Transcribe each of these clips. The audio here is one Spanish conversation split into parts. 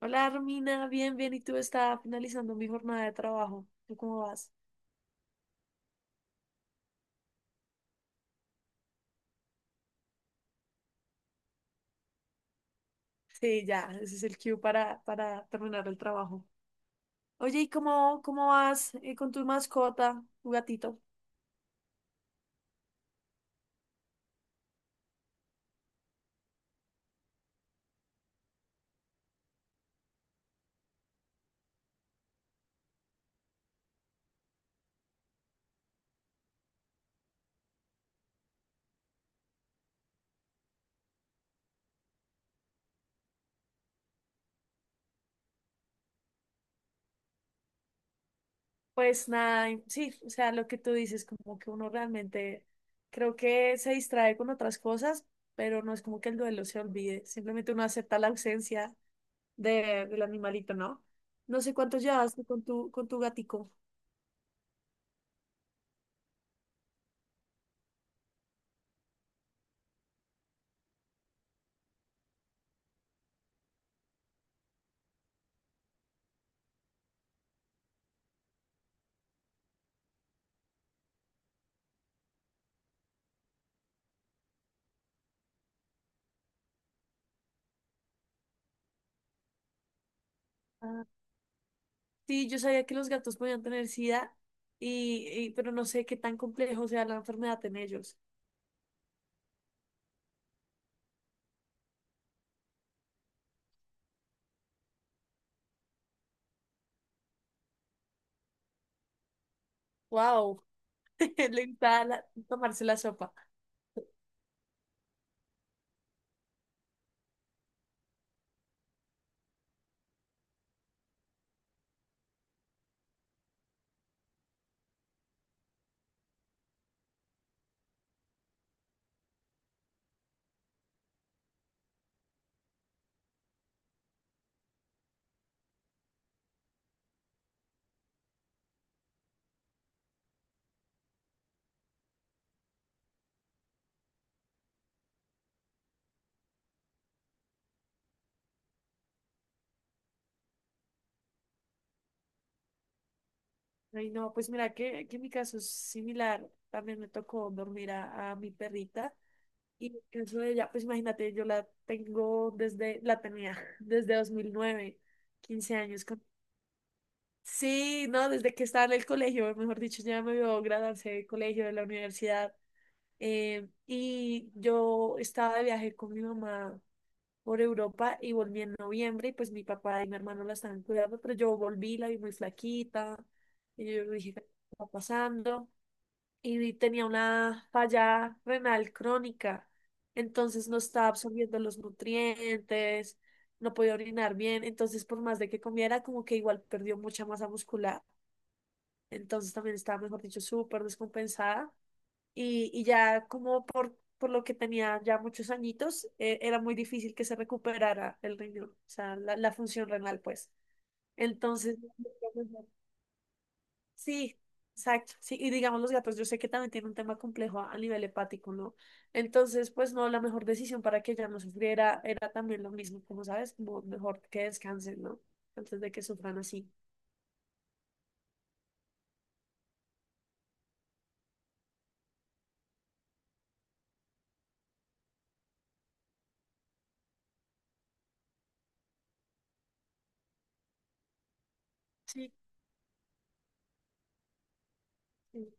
Hola, Armina, bien, bien. ¿Y tú estás finalizando mi jornada de trabajo? ¿Tú cómo vas? Sí, ya, ese es el cue para terminar el trabajo. Oye, ¿y cómo vas con tu mascota, tu gatito? Pues nada, sí, o sea, lo que tú dices, como que uno realmente creo que se distrae con otras cosas, pero no es como que el duelo se olvide, simplemente uno acepta la ausencia del animalito, ¿no? No sé cuánto llevas tú con con tu gatico. Sí, yo sabía que los gatos podían tener SIDA, pero no sé qué tan complejo sea la enfermedad en ellos. ¡Wow! Le gustaba tomarse la sopa. Ay, no, pues mira que mi caso es similar. También me tocó dormir a mi perrita. Y en el caso de ella, pues imagínate, yo la tengo la tenía desde 2009, quince años. Con- Sí, no, desde que estaba en el colegio, mejor dicho, ya me vio graduarse del colegio, de la universidad. Eh, y yo estaba de viaje con mi mamá por Europa y volví en noviembre y pues mi papá y mi hermano la estaban cuidando, pero yo volví, la vi muy flaquita. Y yo dije, ¿qué está pasando? Y tenía una falla renal crónica, entonces no estaba absorbiendo los nutrientes, no podía orinar bien, entonces por más de que comiera, como que igual perdió mucha masa muscular, entonces también estaba, mejor dicho, súper descompensada y ya como por lo que tenía ya muchos añitos, era muy difícil que se recuperara el riñón, o sea, la función renal, pues. Entonces, sí, exacto. Sí, y digamos, los gatos, yo sé que también tiene un tema complejo a nivel hepático, ¿no? Entonces, pues no, la mejor decisión para que ella no sufriera era también lo mismo, como sabes, como mejor que descansen, ¿no? Antes de que sufran así. Sí, sí.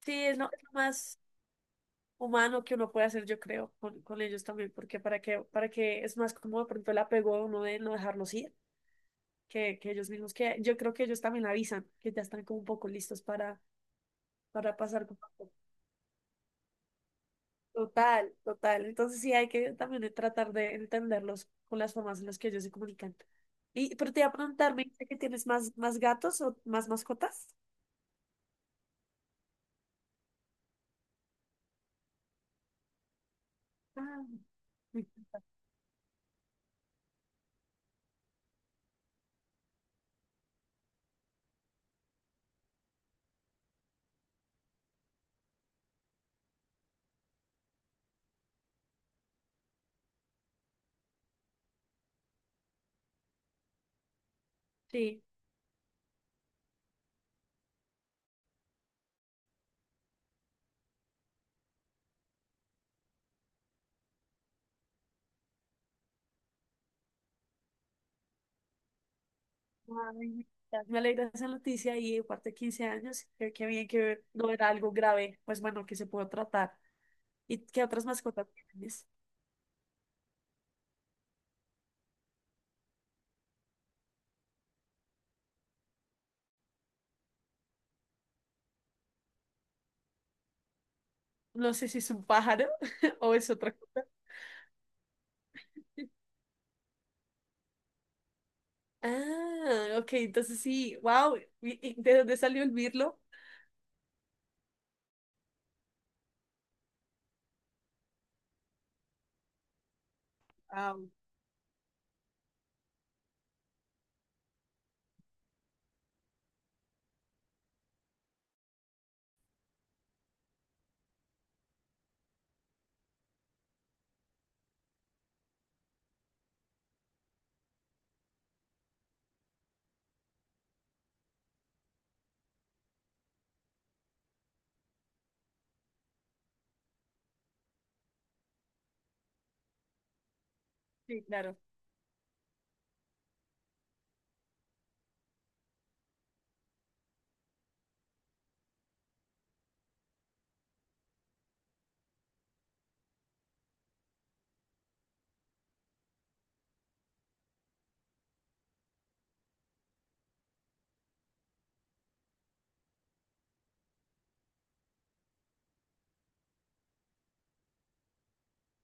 Sí, es es lo más humano que uno puede hacer, yo creo, con ellos también, porque para para que es más como de pronto el apego de uno de no dejarlos ir, que ellos mismos, que yo creo que ellos también avisan, que ya están como un poco listos para pasar. Total, total. Entonces sí hay que también tratar de entenderlos con las formas en las que ellos se comunican. Y, pero te iba a preguntar, ¿me dijiste que tienes más gatos o más mascotas? Ah, me encanta. Sí. Ay, me encanta. Me alegra esa noticia y aparte de 15 años, creo que bien que no era algo grave, pues bueno, que se pudo tratar. ¿Y qué otras mascotas tienes? No sé si es un pájaro o es otra cosa. Ah, ok, entonces sí, wow. Y de dónde salió el mirlo? Ah, sí, claro.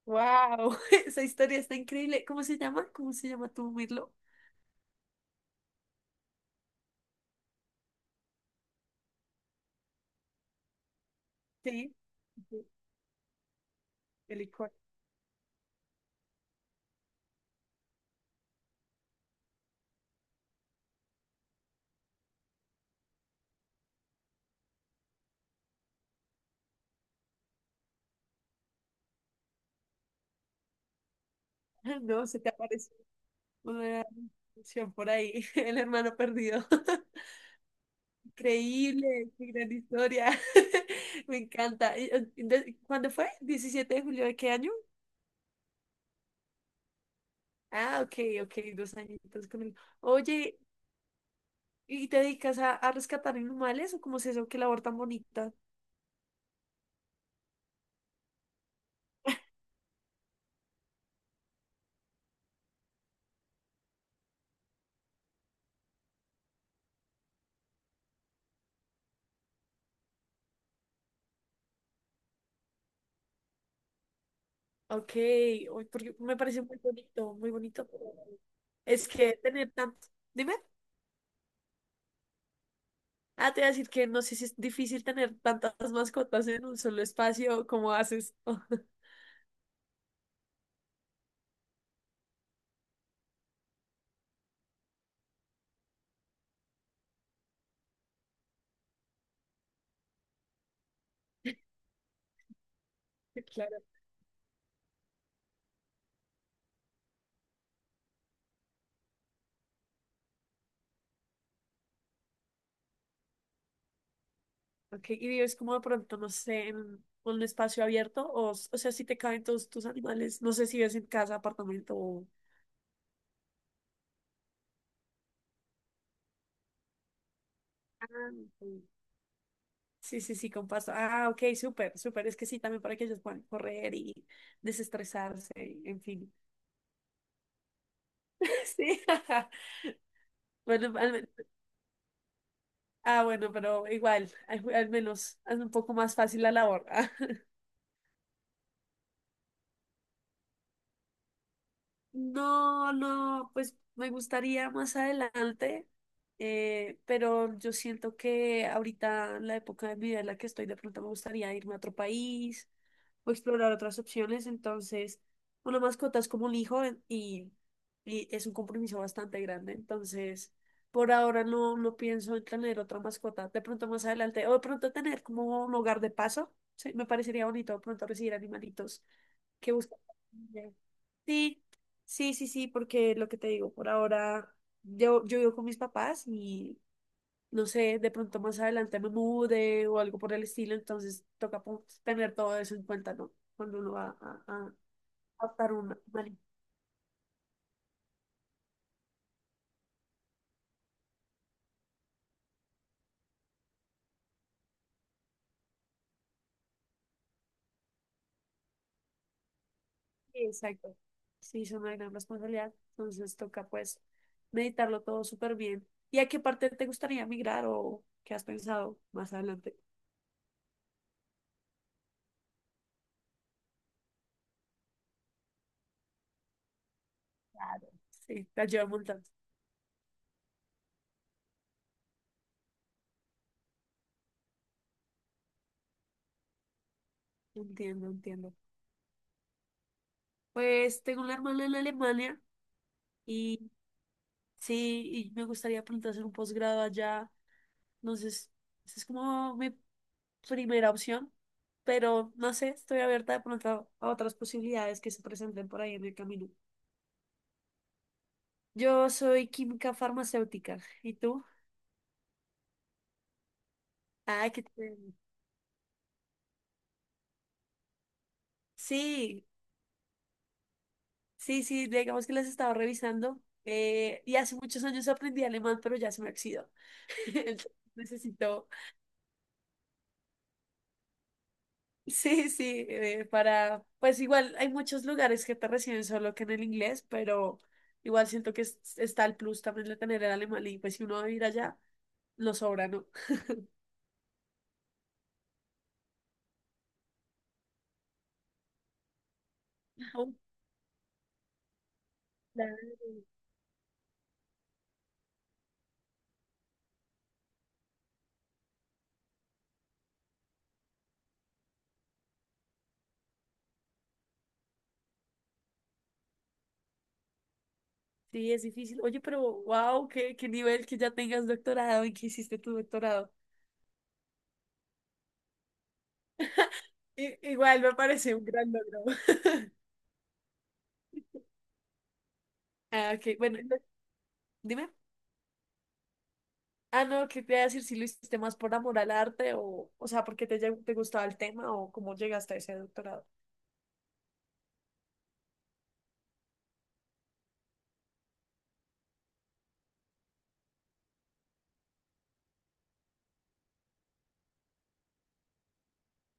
Wow, esa historia está increíble. ¿Cómo se llama? ¿Cómo se llama tu mirlo? Sí, sí, el licor. No, se te aparece una canción por ahí, el hermano perdido. Increíble, qué gran historia. Me encanta. Y, ¿Cuándo fue? ¿17 de julio de qué año? Ah, ok, ok, dos añitos con él. Oye, ¿y te dedicas a rescatar animales o cómo es eso? ¿Qué labor tan bonita? Ok, uy, porque me parece muy bonito, muy bonito. Es que tener tanto. Dime. Ah, te voy a decir que no sé si es difícil tener tantas mascotas en un solo espacio, ¿cómo haces? Claro. Ok, y vives como de pronto, no sé, en un espacio abierto, o sea, si te caben todos tus animales, no sé si vives en casa, apartamento o... Ah, ok. Sí, sí, sí, con pasto. Ah, ok, súper, súper. Es que sí, también para que ellos puedan correr y desestresarse, en fin. Sí. Bueno, al Ah, bueno, pero igual, al menos es un poco más fácil la labor. No, no, pues me gustaría más adelante, pero yo siento que ahorita, en la época de mi vida en la que estoy, de pronto me gustaría irme a otro país, o explorar otras opciones. Entonces, una mascota es como un hijo y es un compromiso bastante grande. Entonces, por ahora no, no pienso en tener otra mascota. De pronto más adelante, o de pronto tener como un hogar de paso. Sí, me parecería bonito de pronto recibir animalitos que buscan. Sí, sí, sí, sí, porque lo que te digo, por ahora yo vivo con mis papás y no sé, de pronto más adelante me mude o algo por el estilo, entonces toca pon- tener todo eso en cuenta, ¿no? Cuando uno va a adoptar un animal. Sí, exacto. Sí, es una gran responsabilidad, entonces toca pues meditarlo todo súper bien. ¿Y a qué parte te gustaría migrar o qué has pensado más adelante? Claro. Sí, te ayuda un montón. Entiendo, entiendo. Pues tengo una hermana en Alemania y sí, y me gustaría pronto hacer un posgrado allá. Entonces, esa es como mi primera opción, pero no sé, estoy abierta de pronto a otras posibilidades que se presenten por ahí en el camino. Yo soy química farmacéutica, ¿y tú? Ah, qué chévere. Sí, sí, sí, digamos que las estaba revisando y hace muchos años aprendí alemán, pero ya se me oxidó. Entonces, necesito Sí, sí, pues igual hay muchos lugares que te reciben solo que en el inglés, pero igual siento que está el plus también de tener el alemán y pues si uno va a ir allá, lo sobra, ¿no? Oh, claro. Sí, es difícil. Oye, pero wow, qué nivel que ya tengas doctorado y que hiciste tu doctorado. Igual me parece un gran logro. Ah, ok, bueno, entonces, dime. Ah, no, ¿qué te iba a decir si lo hiciste más por amor al arte o sea, porque te, te gustaba el tema o cómo llegaste a ese doctorado?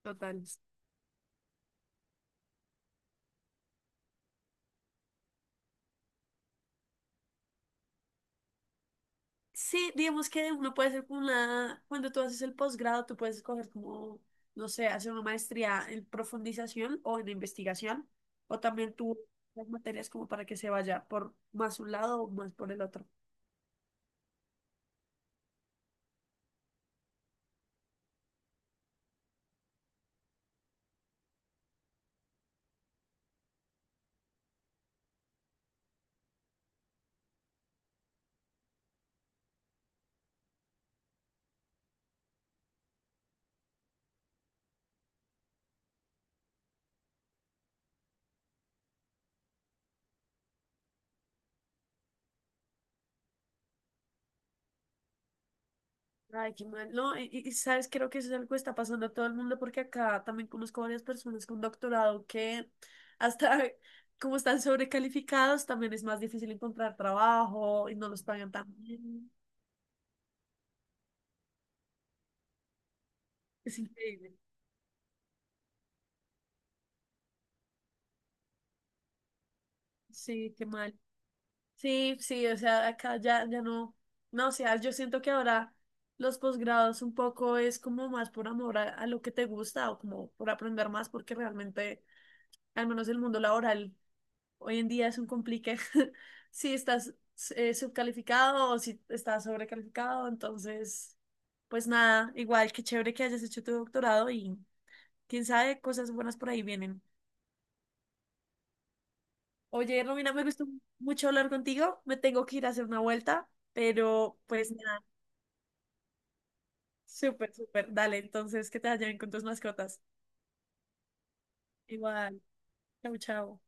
Total. Sí, digamos que uno puede hacer como una, cuando tú haces el posgrado, tú puedes escoger como, no sé, hacer una maestría en profundización o en investigación, o también tú las materias como para que se vaya por más un lado o más por el otro. Ay, qué mal. No, y sabes, creo que eso es algo que está pasando a todo el mundo porque acá también conozco varias personas con doctorado que hasta como están sobrecalificados, también es más difícil encontrar trabajo y no los pagan tan bien. Es increíble. Sí, qué mal. Sí, sí, o sea, acá ya, ya no, o sea, yo siento que ahora los posgrados un poco es como más por amor a lo que te gusta o como por aprender más, porque realmente, al menos el mundo laboral hoy en día es un complique si estás subcalificado o si estás sobrecalificado, entonces, pues nada, igual, qué chévere que hayas hecho tu doctorado y quién sabe, cosas buenas por ahí vienen. Oye, Romina, me gustó mucho hablar contigo, me tengo que ir a hacer una vuelta. Pero pues Súper, súper. Dale, entonces, que te vaya bien con tus mascotas. Igual. Chau, chau.